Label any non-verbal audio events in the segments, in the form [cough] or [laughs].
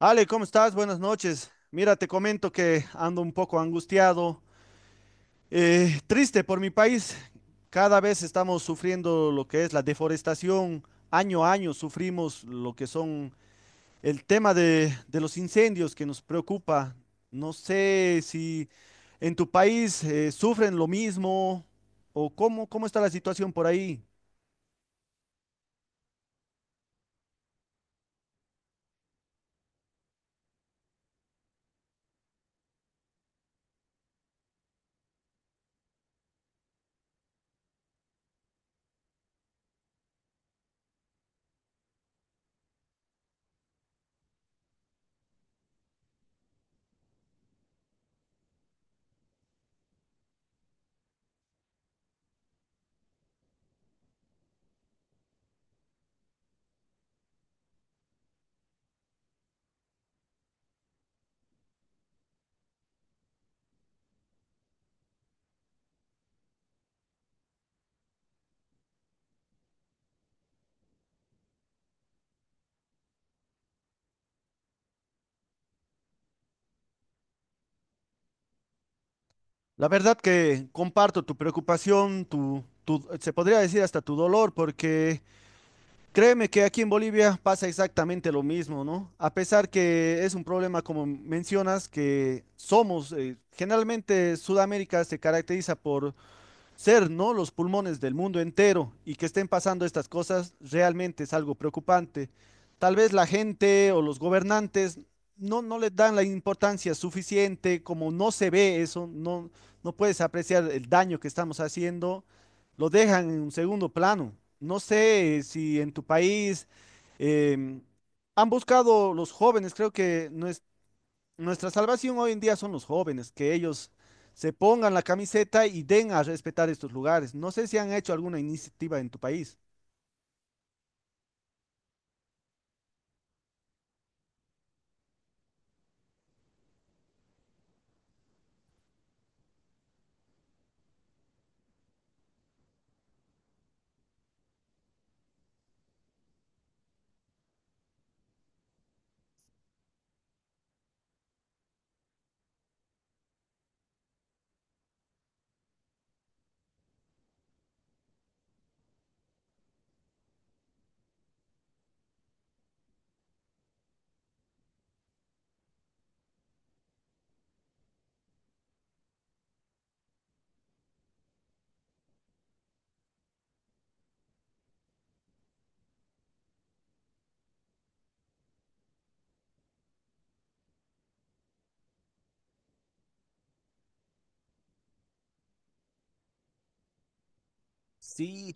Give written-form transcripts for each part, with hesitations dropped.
Ale, ¿cómo estás? Buenas noches. Mira, te comento que ando un poco angustiado, triste por mi país. Cada vez estamos sufriendo lo que es la deforestación. Año a año sufrimos lo que son el tema de los incendios que nos preocupa. No sé si en tu país sufren lo mismo o cómo, cómo está la situación por ahí. La verdad que comparto tu preocupación, se podría decir hasta tu dolor, porque… Créeme que aquí en Bolivia pasa exactamente lo mismo, ¿no? A pesar que es un problema, como mencionas, que somos, generalmente Sudamérica se caracteriza por ser, ¿no? Los pulmones del mundo entero, y que estén pasando estas cosas realmente es algo preocupante. Tal vez la gente o los gobernantes no le dan la importancia suficiente, como no se ve eso, no, no puedes apreciar el daño que estamos haciendo, lo dejan en un segundo plano. No sé si en tu país eh, han buscado los jóvenes, creo que no es nuestra salvación, hoy en día son los jóvenes, que ellos se pongan la camiseta y den a respetar estos lugares. No sé si han hecho alguna iniciativa en tu país. Sí,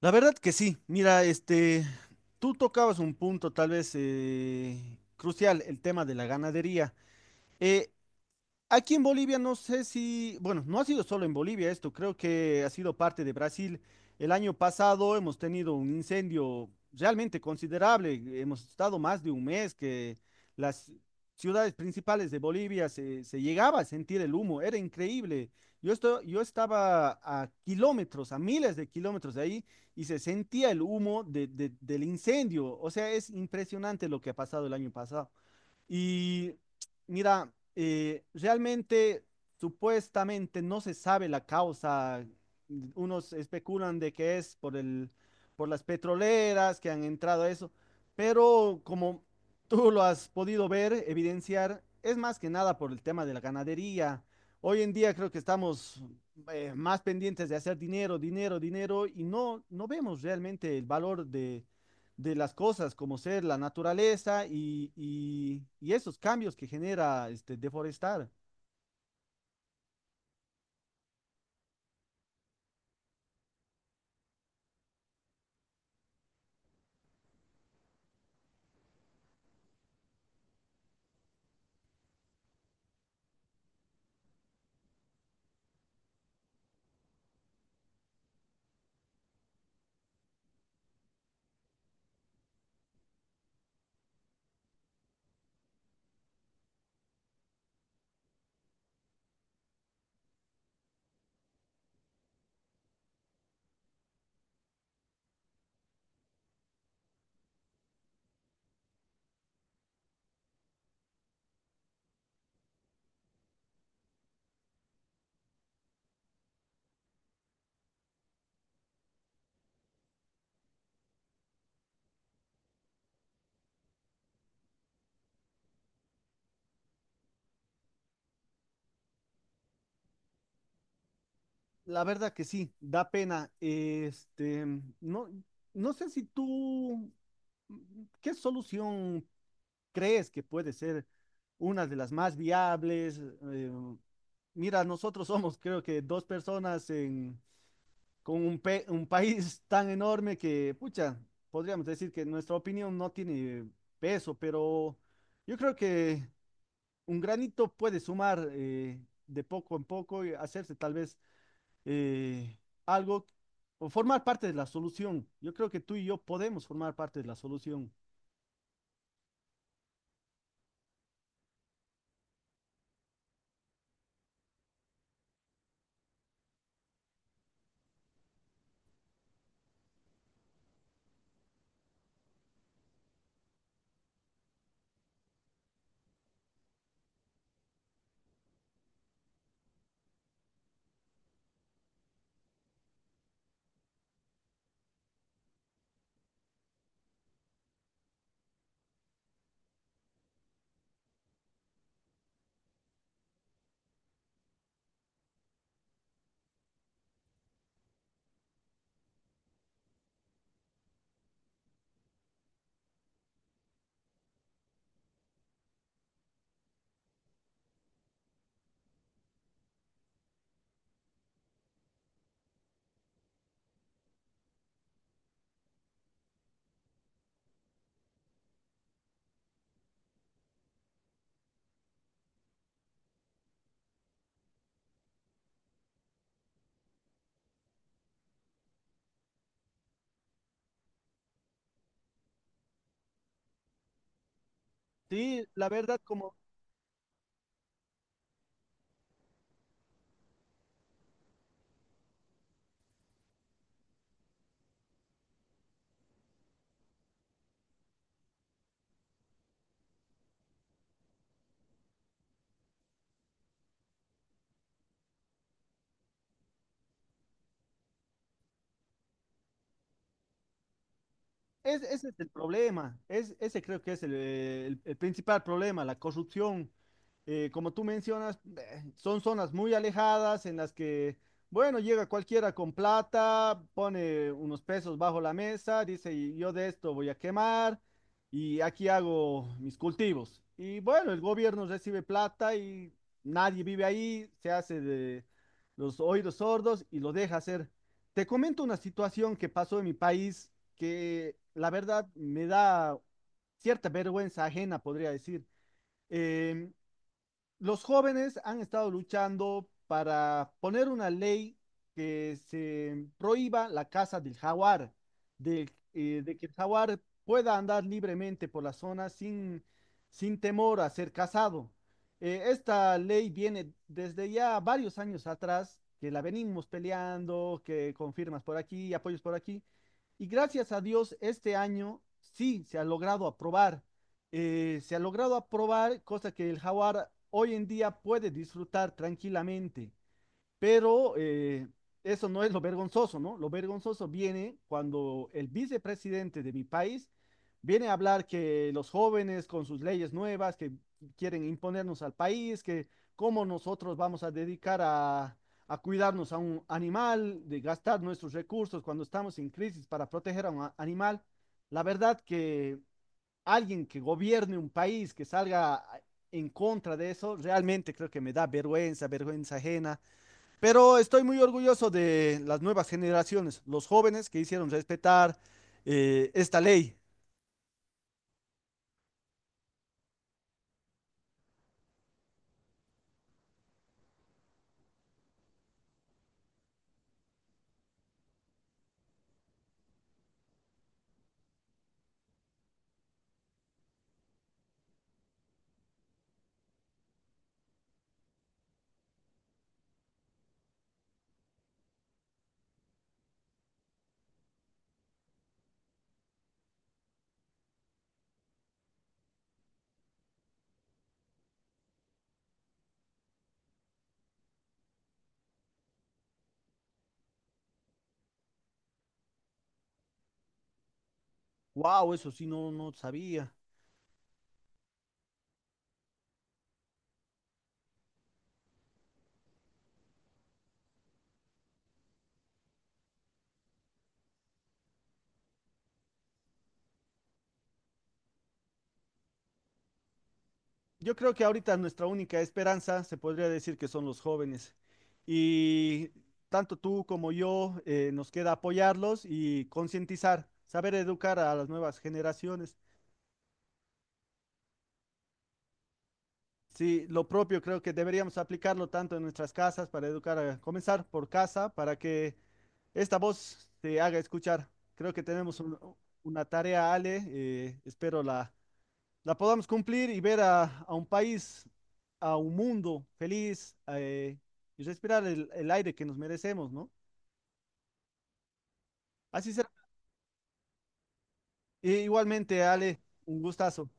la verdad que sí. Mira, este, tú tocabas un punto tal vez crucial, el tema de la ganadería. Eh, Aquí en Bolivia no sé si, bueno, no ha sido solo en Bolivia esto, creo que ha sido parte de Brasil. El año pasado hemos tenido un incendio realmente considerable, hemos estado más de un mes que las ciudades principales de Bolivia se llegaba a sentir el humo, era increíble. Yo, esto, yo estaba a kilómetros, a miles de kilómetros de ahí y se sentía el humo del incendio, o sea, es impresionante lo que ha pasado el año pasado. Y mira, realmente supuestamente no se sabe la causa. Unos especulan de que es por las petroleras que han entrado a eso, pero como tú lo has podido ver, evidenciar, es más que nada por el tema de la ganadería. Hoy en día creo que estamos más pendientes de hacer dinero, dinero, dinero y no vemos realmente el valor de las cosas, como ser la naturaleza y, y esos cambios que genera este, deforestar. La verdad que sí, da pena. Este, no, no sé si tú, ¿qué solución crees que puede ser una de las más viables? Mira, nosotros somos creo que dos personas en, un país [laughs] tan enorme que, pucha, podríamos decir que nuestra opinión no tiene peso, pero yo creo que un granito puede sumar, de poco en poco y hacerse tal vez eh, algo o formar parte de la solución. Yo creo que tú y yo podemos formar parte de la solución. Sí, la verdad, como… Es, ese es el problema, es, ese creo que es el, el principal problema, la corrupción. Como tú mencionas, son zonas muy alejadas en las que, bueno, llega cualquiera con plata, pone unos pesos bajo la mesa, dice, "Y yo de esto voy a quemar y aquí hago mis cultivos". Y bueno, el gobierno recibe plata y nadie vive ahí, se hace de los oídos sordos y lo deja hacer. Te comento una situación que pasó en mi país que la verdad me da cierta vergüenza ajena, podría decir. Em, los jóvenes han estado luchando para poner una ley que se prohíba la caza del jaguar, de que el jaguar pueda andar libremente por la zona sin, sin temor a ser cazado. Esta ley viene desde ya varios años atrás, que la venimos peleando, que con firmas por aquí, apoyos por aquí, y gracias a Dios este año sí se ha logrado aprobar, se ha logrado aprobar, cosa que el jaguar hoy en día puede disfrutar tranquilamente, pero eso no es lo vergonzoso, ¿no? Lo vergonzoso viene cuando el vicepresidente de mi país viene a hablar que los jóvenes con sus leyes nuevas que quieren imponernos al país, que cómo nosotros vamos a dedicar a cuidarnos a un animal, de gastar nuestros recursos cuando estamos en crisis para proteger a animal. La verdad que alguien que gobierne un país, que salga en contra de eso, realmente creo que me da vergüenza, vergüenza ajena. Pero estoy muy orgulloso de las nuevas generaciones, los jóvenes que hicieron respetar, esta ley. Wow, eso sí no, no sabía. Yo creo que ahorita nuestra única esperanza se podría decir que son los jóvenes. Y tanto tú como yo, nos queda apoyarlos y concientizar, saber educar a las nuevas generaciones. Sí, lo propio creo que deberíamos aplicarlo tanto en nuestras casas para educar, a, comenzar por casa, para que esta voz se haga escuchar. Creo que tenemos una tarea, Ale, espero la podamos cumplir y ver a un país, a un mundo feliz, y respirar el aire que nos merecemos, ¿no? Así será. E igualmente, Ale, un gustazo.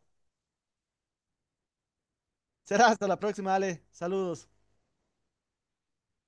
Será hasta la próxima, Ale. Saludos.